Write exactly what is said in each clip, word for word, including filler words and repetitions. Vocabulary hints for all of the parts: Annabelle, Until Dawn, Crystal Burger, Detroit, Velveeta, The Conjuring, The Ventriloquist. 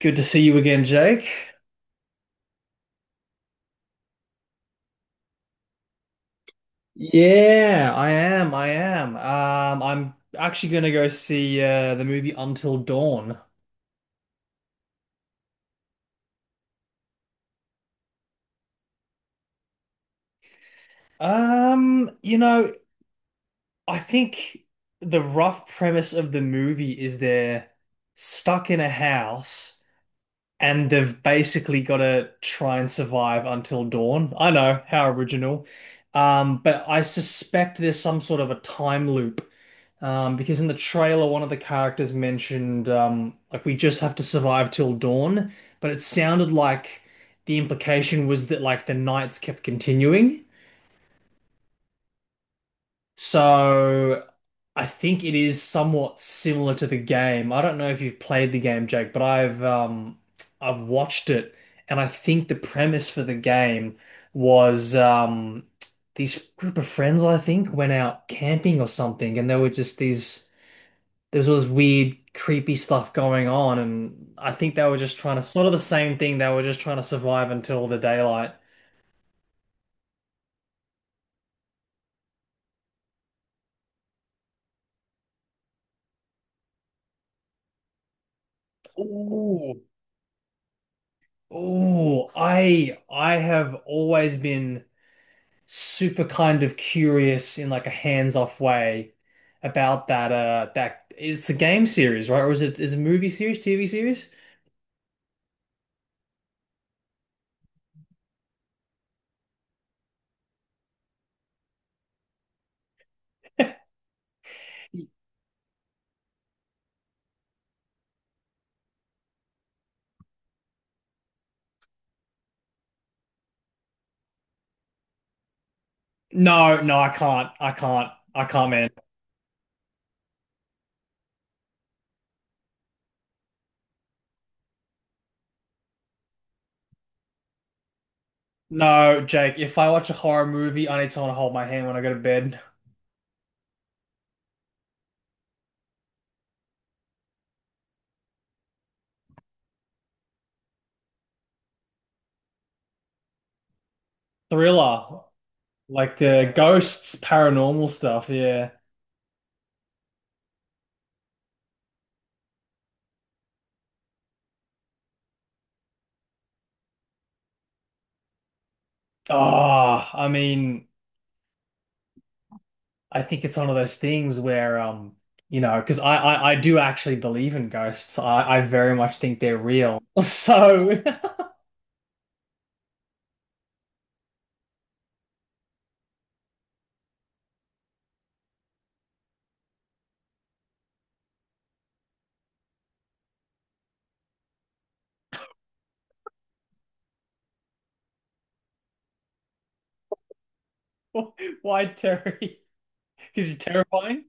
Good to see you again, Jake. Yeah, I am. I am. Um, I'm actually gonna go see uh, the movie Until Dawn. Um, you know, I think the rough premise of the movie is they're stuck in a house and they've basically got to try and survive until dawn. I know, how original. Um, but I suspect there's some sort of a time loop. Um, because in the trailer, one of the characters mentioned, um, like, we just have to survive till dawn. But it sounded like the implication was that, like, the nights kept continuing. So I think it is somewhat similar to the game. I don't know if you've played the game, Jake, but I've um I've watched it and I think the premise for the game was um these group of friends I think went out camping or something and there were just these there was all this weird creepy stuff going on and I think they were just trying to sort of the same thing, they were just trying to survive until the daylight. Ooh, ooh, I I have always been super kind of curious in like a hands-off way about that uh that it's a game series, right? Or is it is it a movie series, T V series? No, no, I can't. I can't. I can't, man. No, Jake, if I watch a horror movie, I need someone to hold my hand when I go to bed. Thriller, like the ghosts, paranormal stuff, yeah. Oh, I mean, I think it's one of those things where, um, you know, because I, I I do actually believe in ghosts. I I very much think they're real. So why Terry? Because he's terrifying.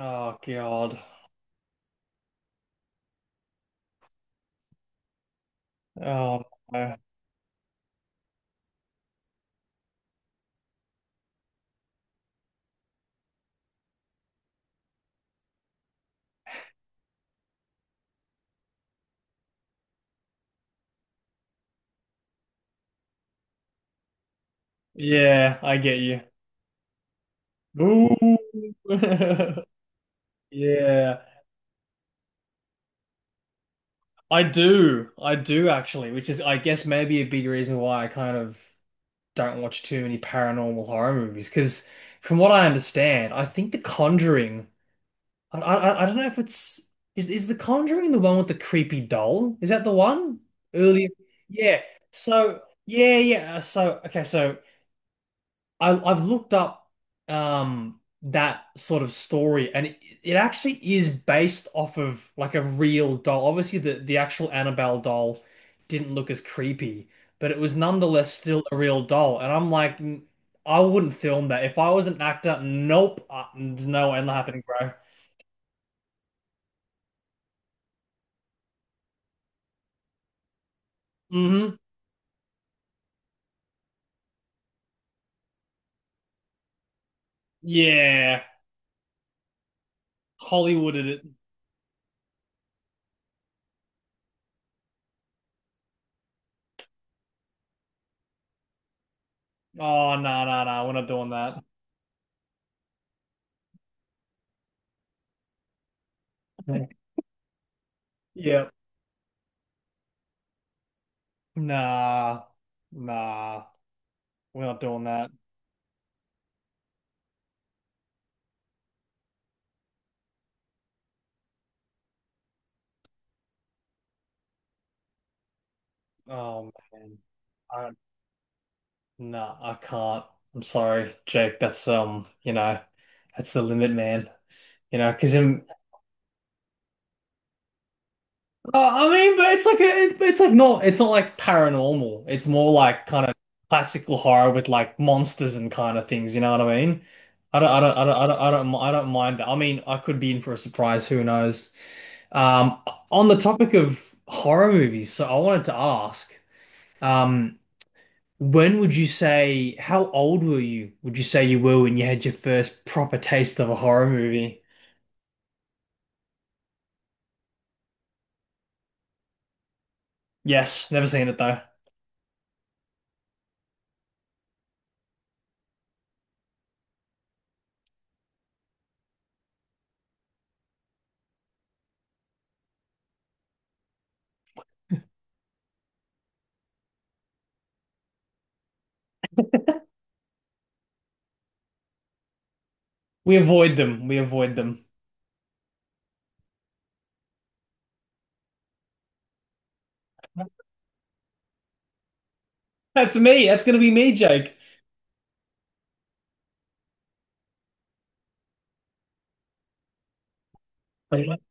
Oh God. Oh no. Yeah, I get you. Ooh. Yeah, I do. I do actually, which is I guess maybe a big reason why I kind of don't watch too many paranormal horror movies. Because from what I understand, I think The Conjuring. I, I I don't know if it's is is The Conjuring the one with the creepy doll? Is that the one? Earlier. Yeah. So yeah, yeah. uh, So okay, so I I've looked up um that sort of story and it, it actually is based off of like a real doll. Obviously the the actual Annabelle doll didn't look as creepy, but it was nonetheless still a real doll. And I'm like, "N- I wouldn't film that. If I was an actor, nope, uh, no, ain't happening, bro." Mhm. Yeah, Hollywooded it. Oh, no, no, no, we're not doing that. Yep. Nah, nah, we're not doing that. Oh man, I nah, I can't. I'm sorry, Jake. That's um, you know, that's the limit, man. You know, because Uh, I mean, but it's like a, it's, it's like not it's not like paranormal. It's more like kind of classical horror with like monsters and kind of things. You know what I mean? I don't I don't I don't I don't I don't, mi- I don't mind that. I mean, I could be in for a surprise. Who knows? Um, on the topic of horror movies, so I wanted to ask, um, when would you say how old were you? Would you say you were when you had your first proper taste of a horror movie? Yes, never seen it though. We avoid them. We avoid them. That's me. That's going to be me, Jake.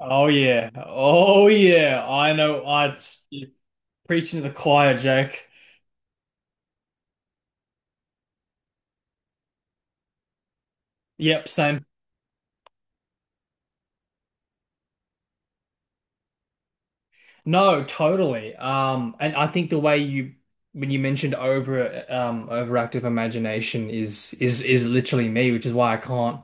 Oh yeah. Oh yeah. I know. I preaching to the choir, Jake. Yep, same. No, totally. Um, and I think the way you when you mentioned over um overactive imagination is is is literally me, which is why I can't,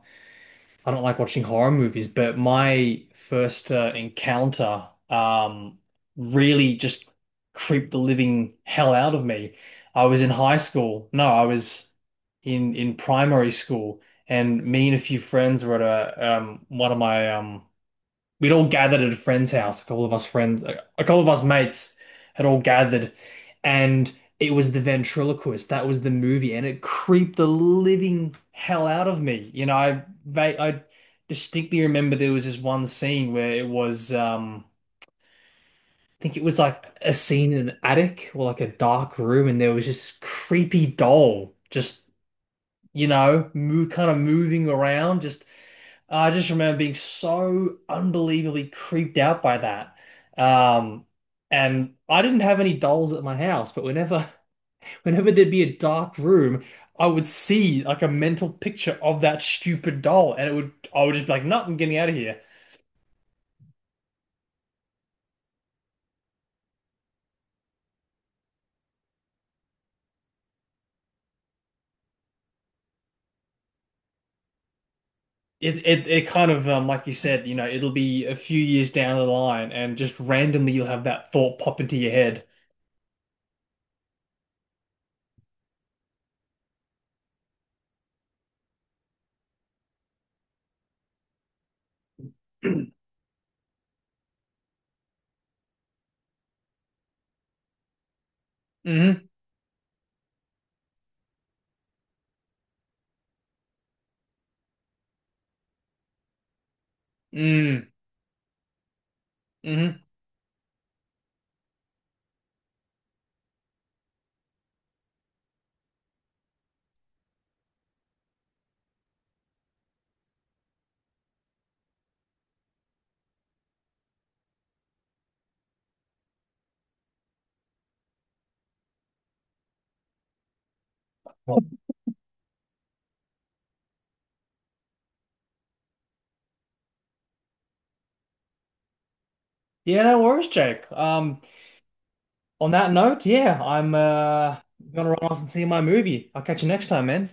I don't like watching horror movies, but my first uh, encounter, um, really just creeped the living hell out of me. I was in high school. No, I was in in primary school, and me and a few friends were at a um, one of my um, we'd all gathered at a friend's house. A couple of us friends, a couple of us mates had all gathered, and it was The Ventriloquist. That was the movie, and it creeped the living hell out of me. You know, I va- I distinctly remember there was this one scene where it was, um, I think it was like a scene in an attic or like a dark room, and there was just this creepy doll just, you know, move kind of moving around. Just I just remember being so unbelievably creeped out by that. Um, and I didn't have any dolls at my house, but whenever whenever there'd be a dark room, I would see like a mental picture of that stupid doll, and it would I would just be like, "No, I'm getting out of here." It it it kind of, um, like you said, you know, it'll be a few years down the line, and just randomly you'll have that thought pop into your head. hmm. Mm. Hmm. Yeah, no worries, Jake. Um, on that note, yeah, I'm uh gonna run off and see my movie. I'll catch you next time, man.